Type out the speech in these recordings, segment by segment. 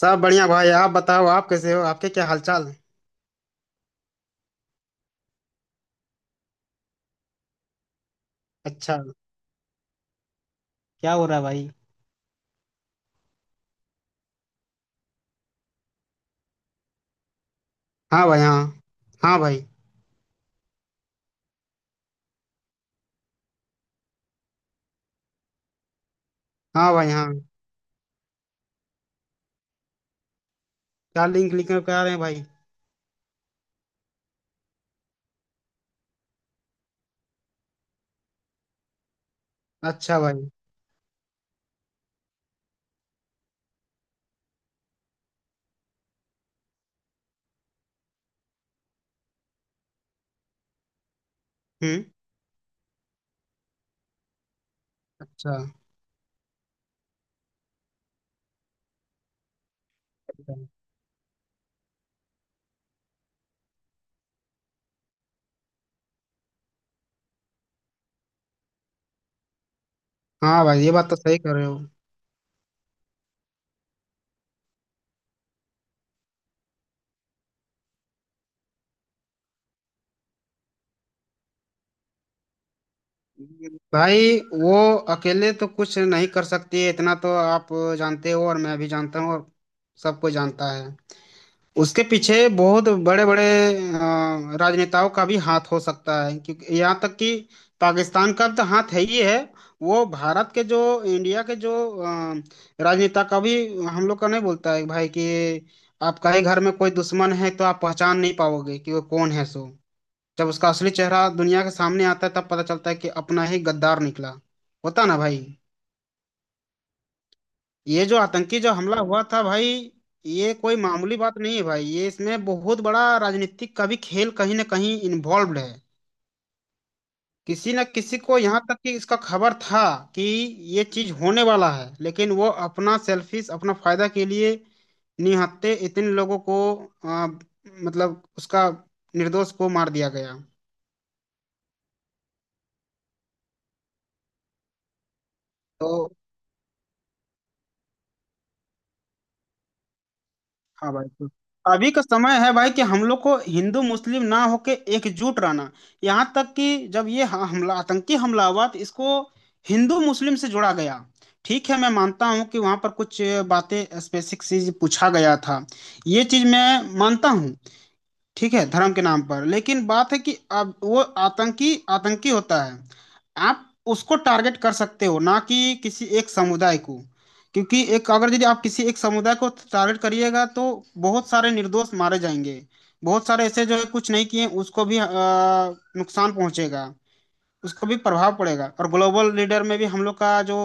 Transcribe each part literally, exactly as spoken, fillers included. सब बढ़िया भाई। आप बताओ, आप कैसे हो? आपके क्या हालचाल है? अच्छा। क्या हो रहा है भाई? हाँ भाई, हाँ। हाँ भाई। हाँ भाई, हाँ। क्या लिंक लिंक करा रहे हैं भाई? अच्छा भाई। हम्म। अच्छा। हाँ भाई, ये बात तो सही कर रहे हो। भाई वो अकेले तो कुछ नहीं कर सकती है, इतना तो आप जानते हो और मैं भी जानता हूँ, और सबको जानता है। उसके पीछे बहुत बड़े बड़े अ, राजनेताओं का भी हाथ हो सकता है, क्योंकि यहाँ तक कि पाकिस्तान का तो हाथ है ही है। वो भारत के जो, इंडिया के जो अ, राजनेता का भी, हम लोग का नहीं बोलता है भाई कि आपका ही घर में कोई दुश्मन है तो आप पहचान नहीं पाओगे कि वो कौन है। सो जब उसका असली चेहरा दुनिया के सामने आता है तब पता चलता है कि अपना ही गद्दार निकला। होता ना भाई। ये जो आतंकी जो हमला हुआ था भाई, ये कोई मामूली बात नहीं है भाई। ये इसमें बहुत बड़ा राजनीतिक का भी खेल कहीं ना कहीं इन्वॉल्व्ड है। किसी न किसी को यहाँ तक कि इसका खबर था कि ये चीज होने वाला है, लेकिन वो अपना सेल्फिश, अपना फायदा के लिए निहत्थे इतने लोगों को, आ, मतलब उसका, निर्दोष को मार दिया गया। तो हाँ भाई। तो अभी का समय है भाई कि हम लोग को हिंदू मुस्लिम ना होके एकजुट रहना। यहाँ तक कि जब ये ह- हमला, आतंकी हमला हुआ तो इसको हिंदू मुस्लिम से जोड़ा गया। ठीक है, मैं मानता हूँ कि वहाँ पर कुछ बातें स्पेसिफिक चीज पूछा गया था, ये चीज मैं मानता हूँ। ठीक है, धर्म के नाम पर। लेकिन बात है कि अब वो आतंकी आतंकी होता है, आप उसको टारगेट कर सकते हो, ना कि किसी एक समुदाय को। क्योंकि एक, अगर यदि आप किसी एक समुदाय को टारगेट करिएगा तो बहुत सारे निर्दोष मारे जाएंगे। बहुत सारे ऐसे जो है कुछ नहीं किए, उसको भी अ, नुकसान पहुंचेगा। उसको भी प्रभाव पड़ेगा, और ग्लोबल लीडर में भी हम लोग का जो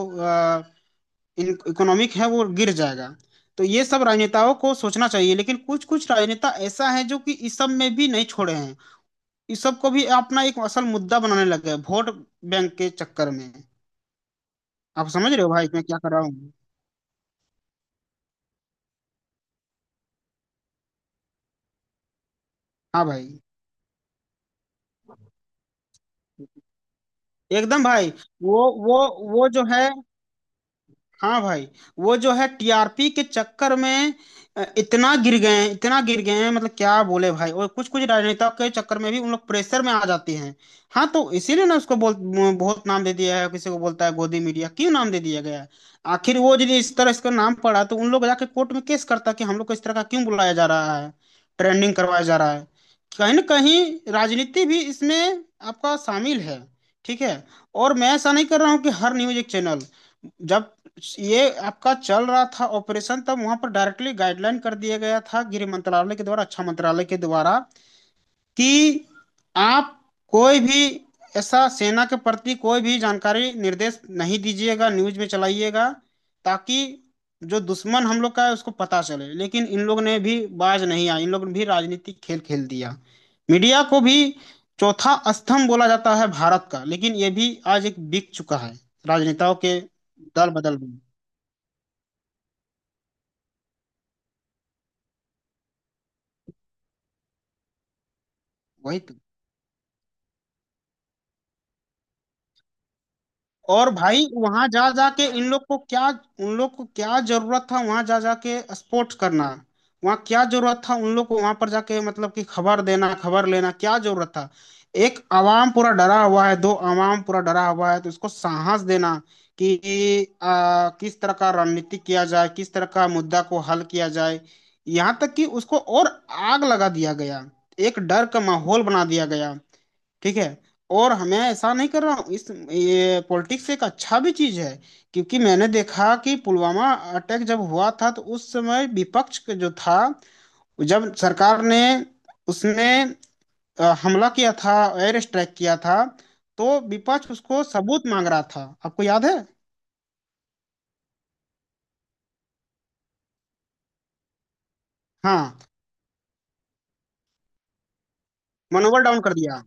इकोनॉमिक है वो गिर जाएगा। तो ये सब राजनेताओं को सोचना चाहिए, लेकिन कुछ कुछ राजनेता ऐसा है जो कि इस सब में भी नहीं छोड़े हैं। इस सब को भी अपना एक असल मुद्दा बनाने लगे हैं, वोट बैंक के चक्कर में। आप समझ रहे हो भाई मैं क्या कर रहा हूँ? हाँ भाई, एकदम भाई। वो वो वो जो है, हाँ भाई, वो जो है टी आर पी के चक्कर में अ, इतना गिर गए हैं, इतना गिर गए हैं, मतलब क्या बोले भाई। और कुछ कुछ राजनेता के चक्कर में भी उन लोग प्रेशर में आ जाते हैं। हाँ, तो इसीलिए ना उसको बोल म- बहुत नाम दे दिया है, किसी को बोलता है गोदी मीडिया, क्यों नाम दे दिया गया है? आखिर वो यदि इस तरह इसका नाम पड़ा तो उन लोग जाके कोर्ट में केस करता कि हम लोग को इस तरह का क्यों बुलाया जा रहा है, ट्रेंडिंग करवाया जा रहा है? कहीं ना कहीं राजनीति भी इसमें आपका शामिल है। ठीक है, और मैं ऐसा नहीं कर रहा हूँ कि हर न्यूज एक चैनल। जब ये आपका चल रहा था ऑपरेशन, तब वहां पर डायरेक्टली गाइडलाइन कर दिया गया था गृह मंत्रालय के द्वारा, रक्षा मंत्रालय के द्वारा, कि आप कोई भी ऐसा सेना के प्रति कोई भी जानकारी निर्देश नहीं दीजिएगा, न्यूज में चलाइएगा, ताकि जो दुश्मन हम लोग का है उसको पता चले। लेकिन इन लोग ने भी बाज नहीं आए, इन लोग ने भी राजनीतिक खेल खेल दिया। मीडिया को भी चौथा स्तंभ बोला जाता है भारत का, लेकिन ये भी आज एक बिक चुका है राजनेताओं के दल बदल में। वही तो। और भाई वहां जा जाके इन लोग को क्या, उन लोग को क्या जरूरत था वहां जा जाके स्पोर्ट्स करना? वहां क्या जरूरत था उन लोग को वहां पर जाके, मतलब कि खबर देना, खबर लेना, क्या जरूरत था? एक आवाम पूरा डरा हुआ है, दो आवाम पूरा डरा हुआ है, तो उसको साहस देना कि आ, किस तरह का रणनीति किया जाए, किस तरह का मुद्दा को हल किया जाए। यहाँ तक कि उसको और आग लगा दिया गया, एक डर का माहौल बना दिया गया। ठीक है, और हमें ऐसा नहीं कर रहा हूँ, इस ये पॉलिटिक्स एक अच्छा भी चीज है, क्योंकि मैंने देखा कि पुलवामा अटैक जब हुआ था तो उस समय विपक्ष का जो था, जब सरकार ने, उसने अ, हमला किया था, एयर स्ट्राइक किया था, तो विपक्ष उसको सबूत मांग रहा था। आपको याद है? हाँ, मनोबल डाउन कर दिया।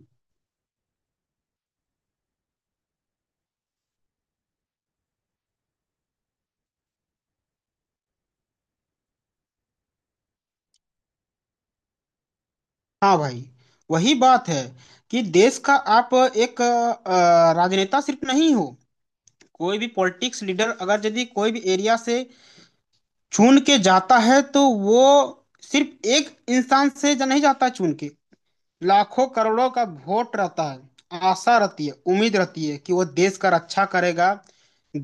हाँ भाई, वही बात है कि देश का आप एक अ, राजनेता सिर्फ नहीं हो। कोई भी पॉलिटिक्स लीडर अगर यदि कोई भी एरिया से चुन के जाता है, तो वो सिर्फ एक इंसान से जा नहीं जाता चुन के। लाखों करोड़ों का वोट रहता है, आशा रहती है, उम्मीद रहती है कि वो देश का रक्षा करेगा,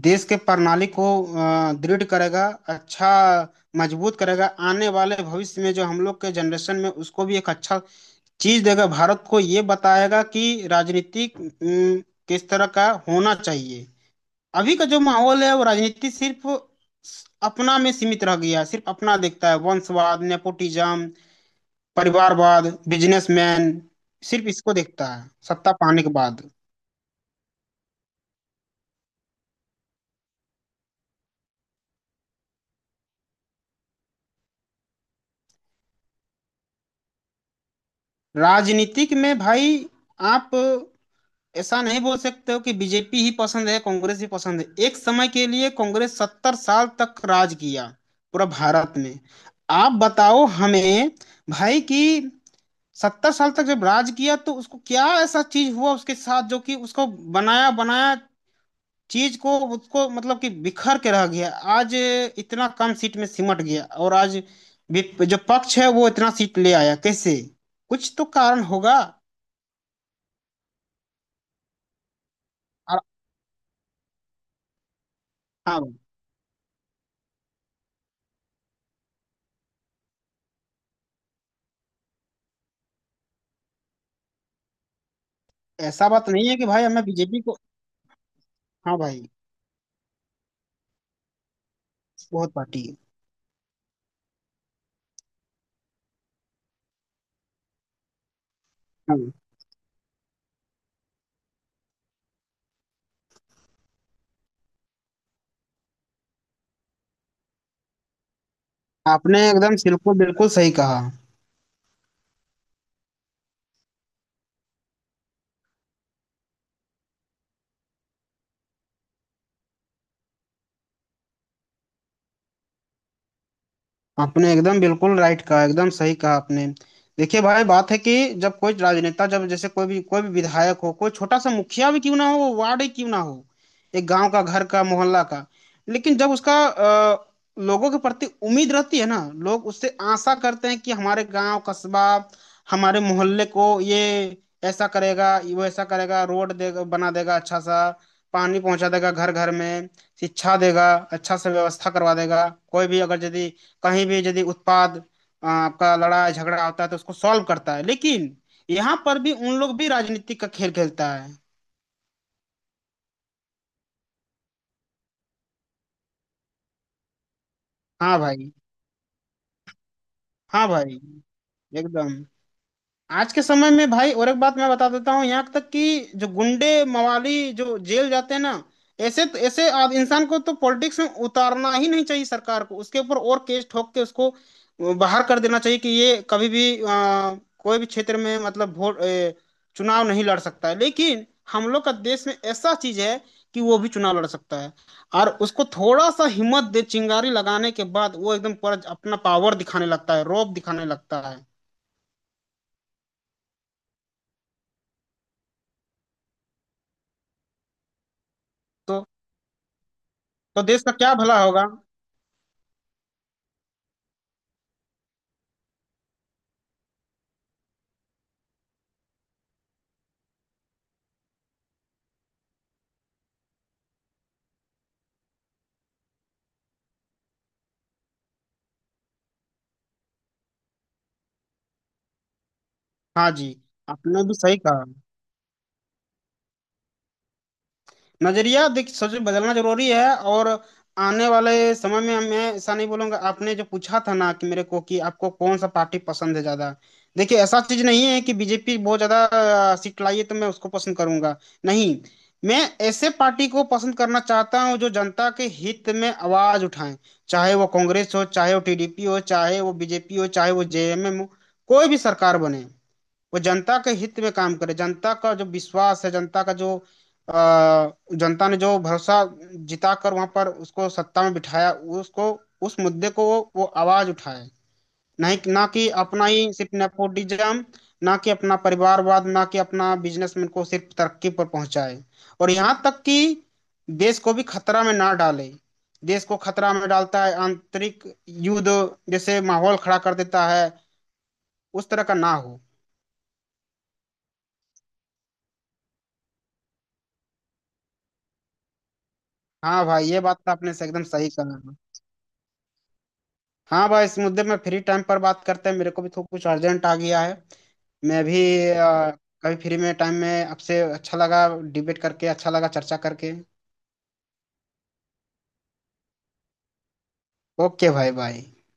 देश के प्रणाली को अ, दृढ़ करेगा, अच्छा, मजबूत करेगा। आने वाले भविष्य में जो हम लोग के जनरेशन में, उसको भी एक अच्छा चीज देगा, भारत को ये बताएगा कि राजनीतिक अम, किस तरह का होना चाहिए। अभी का जो माहौल है, वो राजनीति सिर्फ स- अपना में सीमित रह गया है। सिर्फ अपना देखता है, वंशवाद, नेपोटिज्म, परिवारवाद, बिजनेसमैन, सिर्फ इसको देखता है सत्ता पाने के बाद। राजनीतिक में भाई आप ऐसा नहीं बोल सकते हो कि बी जे पी ही पसंद है, कांग्रेस ही पसंद है। एक समय के लिए कांग्रेस सत्तर साल तक राज किया पूरा भारत में। आप बताओ हमें भाई कि सत्तर साल तक जब राज किया तो उसको क्या ऐसा चीज हुआ उसके साथ जो कि उसको बनाया बनाया चीज को, उसको मतलब कि बिखर के रह गया। आज इतना कम सीट में सिमट गया, और आज विप- जो पक्ष है वो इतना सीट ले आया कैसे? कुछ तो कारण होगा। और हाँ, ऐसा बात नहीं है कि भाई हमें बी जे पी को। हाँ भाई, बहुत पार्टी है। हाँ, आपने एकदम बिल्कुल बिल्कुल सही कहा। आपने एकदम बिल्कुल राइट कहा, एकदम सही कहा आपने। देखिए भाई बात है कि जब कोई राजनेता, जब जैसे कोई भी कोई भी विधायक हो, कोई छोटा सा मुखिया भी क्यों ना हो, वार्ड ही क्यों ना हो, एक गांव का, घर का, मोहल्ला का, लेकिन जब उसका अ, लोगों के प्रति उम्मीद रहती है ना, लोग उससे आशा करते हैं कि हमारे गांव, कस्बा, हमारे मोहल्ले को ये ऐसा करेगा, वो ऐसा करेगा, रोड देगा, बना देगा अच्छा सा, पानी पहुंचा देगा घर घर में, शिक्षा देगा, अच्छा सा व्यवस्था करवा देगा। कोई भी अगर यदि कहीं भी यदि उत्पाद अ, आपका लड़ाई झगड़ा होता है तो उसको सॉल्व करता है, लेकिन यहाँ पर भी उन लोग भी राजनीति का खेल खेलता है। हाँ भाई। हाँ भाई, एकदम। आज के समय में भाई, और एक बात मैं बता देता हूँ, यहाँ तक कि जो गुंडे मवाली जो जेल जाते हैं ना, ऐसे तो, ऐसे आद- इंसान को तो पॉलिटिक्स में उतारना ही नहीं चाहिए। सरकार को उसके ऊपर और केस ठोक के उसको बाहर कर देना चाहिए कि ये कभी भी आ, कोई भी क्षेत्र में मतलब वोट ए, चुनाव नहीं लड़ सकता है। लेकिन हम लोग का देश में ऐसा चीज है कि वो भी चुनाव लड़ सकता है, और उसको थोड़ा सा हिम्मत दे, चिंगारी लगाने के बाद वो एकदम पर अपना पावर दिखाने लगता है, रौब दिखाने लगता है। तो तो देश का क्या भला होगा? हाँ जी, आपने भी सही कहा। नजरिया देखिए सच में बदलना जरूरी है। और आने वाले समय में, मैं ऐसा नहीं बोलूंगा, आपने जो पूछा था ना कि मेरे को कि आपको कौन सा पार्टी पसंद है ज्यादा। देखिए ऐसा चीज नहीं है कि बी जे पी बहुत ज्यादा अ, सीट लाई है तो मैं उसको पसंद करूंगा। नहीं, मैं ऐसे पार्टी को पसंद करना चाहता हूँ जो जनता के हित में आवाज उठाए। चाहे वो कांग्रेस हो, चाहे वो टी डी पी हो, चाहे वो बी जे पी हो, चाहे वो जे एम एम हो, कोई भी सरकार बने, वो जनता के हित में काम करे। जनता का जो विश्वास है, जनता का जो अ, जनता ने जो भरोसा जिता कर वहां पर उसको सत्ता में बिठाया, उसको, उस मुद्दे को वो, वो आवाज उठाए। नहीं ना कि अपना ही सिर्फ नेपोटिज्म, ना कि अपना परिवारवाद, ना कि अपना बिजनेसमैन को सिर्फ तरक्की पर पहुंचाए। और यहाँ तक कि देश को भी खतरा में ना डाले। देश को खतरा में डालता है आंतरिक युद्ध जैसे माहौल खड़ा कर देता है, उस तरह का ना हो। हाँ भाई, ये बात तो आपने से एकदम सही कहा। हाँ भाई, इस मुद्दे में फ्री टाइम पर बात करते हैं, मेरे को भी थोड़ा कुछ अर्जेंट आ गया है। मैं भी अ, कभी फ्री में टाइम में आपसे, अच्छा लगा डिबेट करके, अच्छा लगा चर्चा करके। ओके भाई, बाय।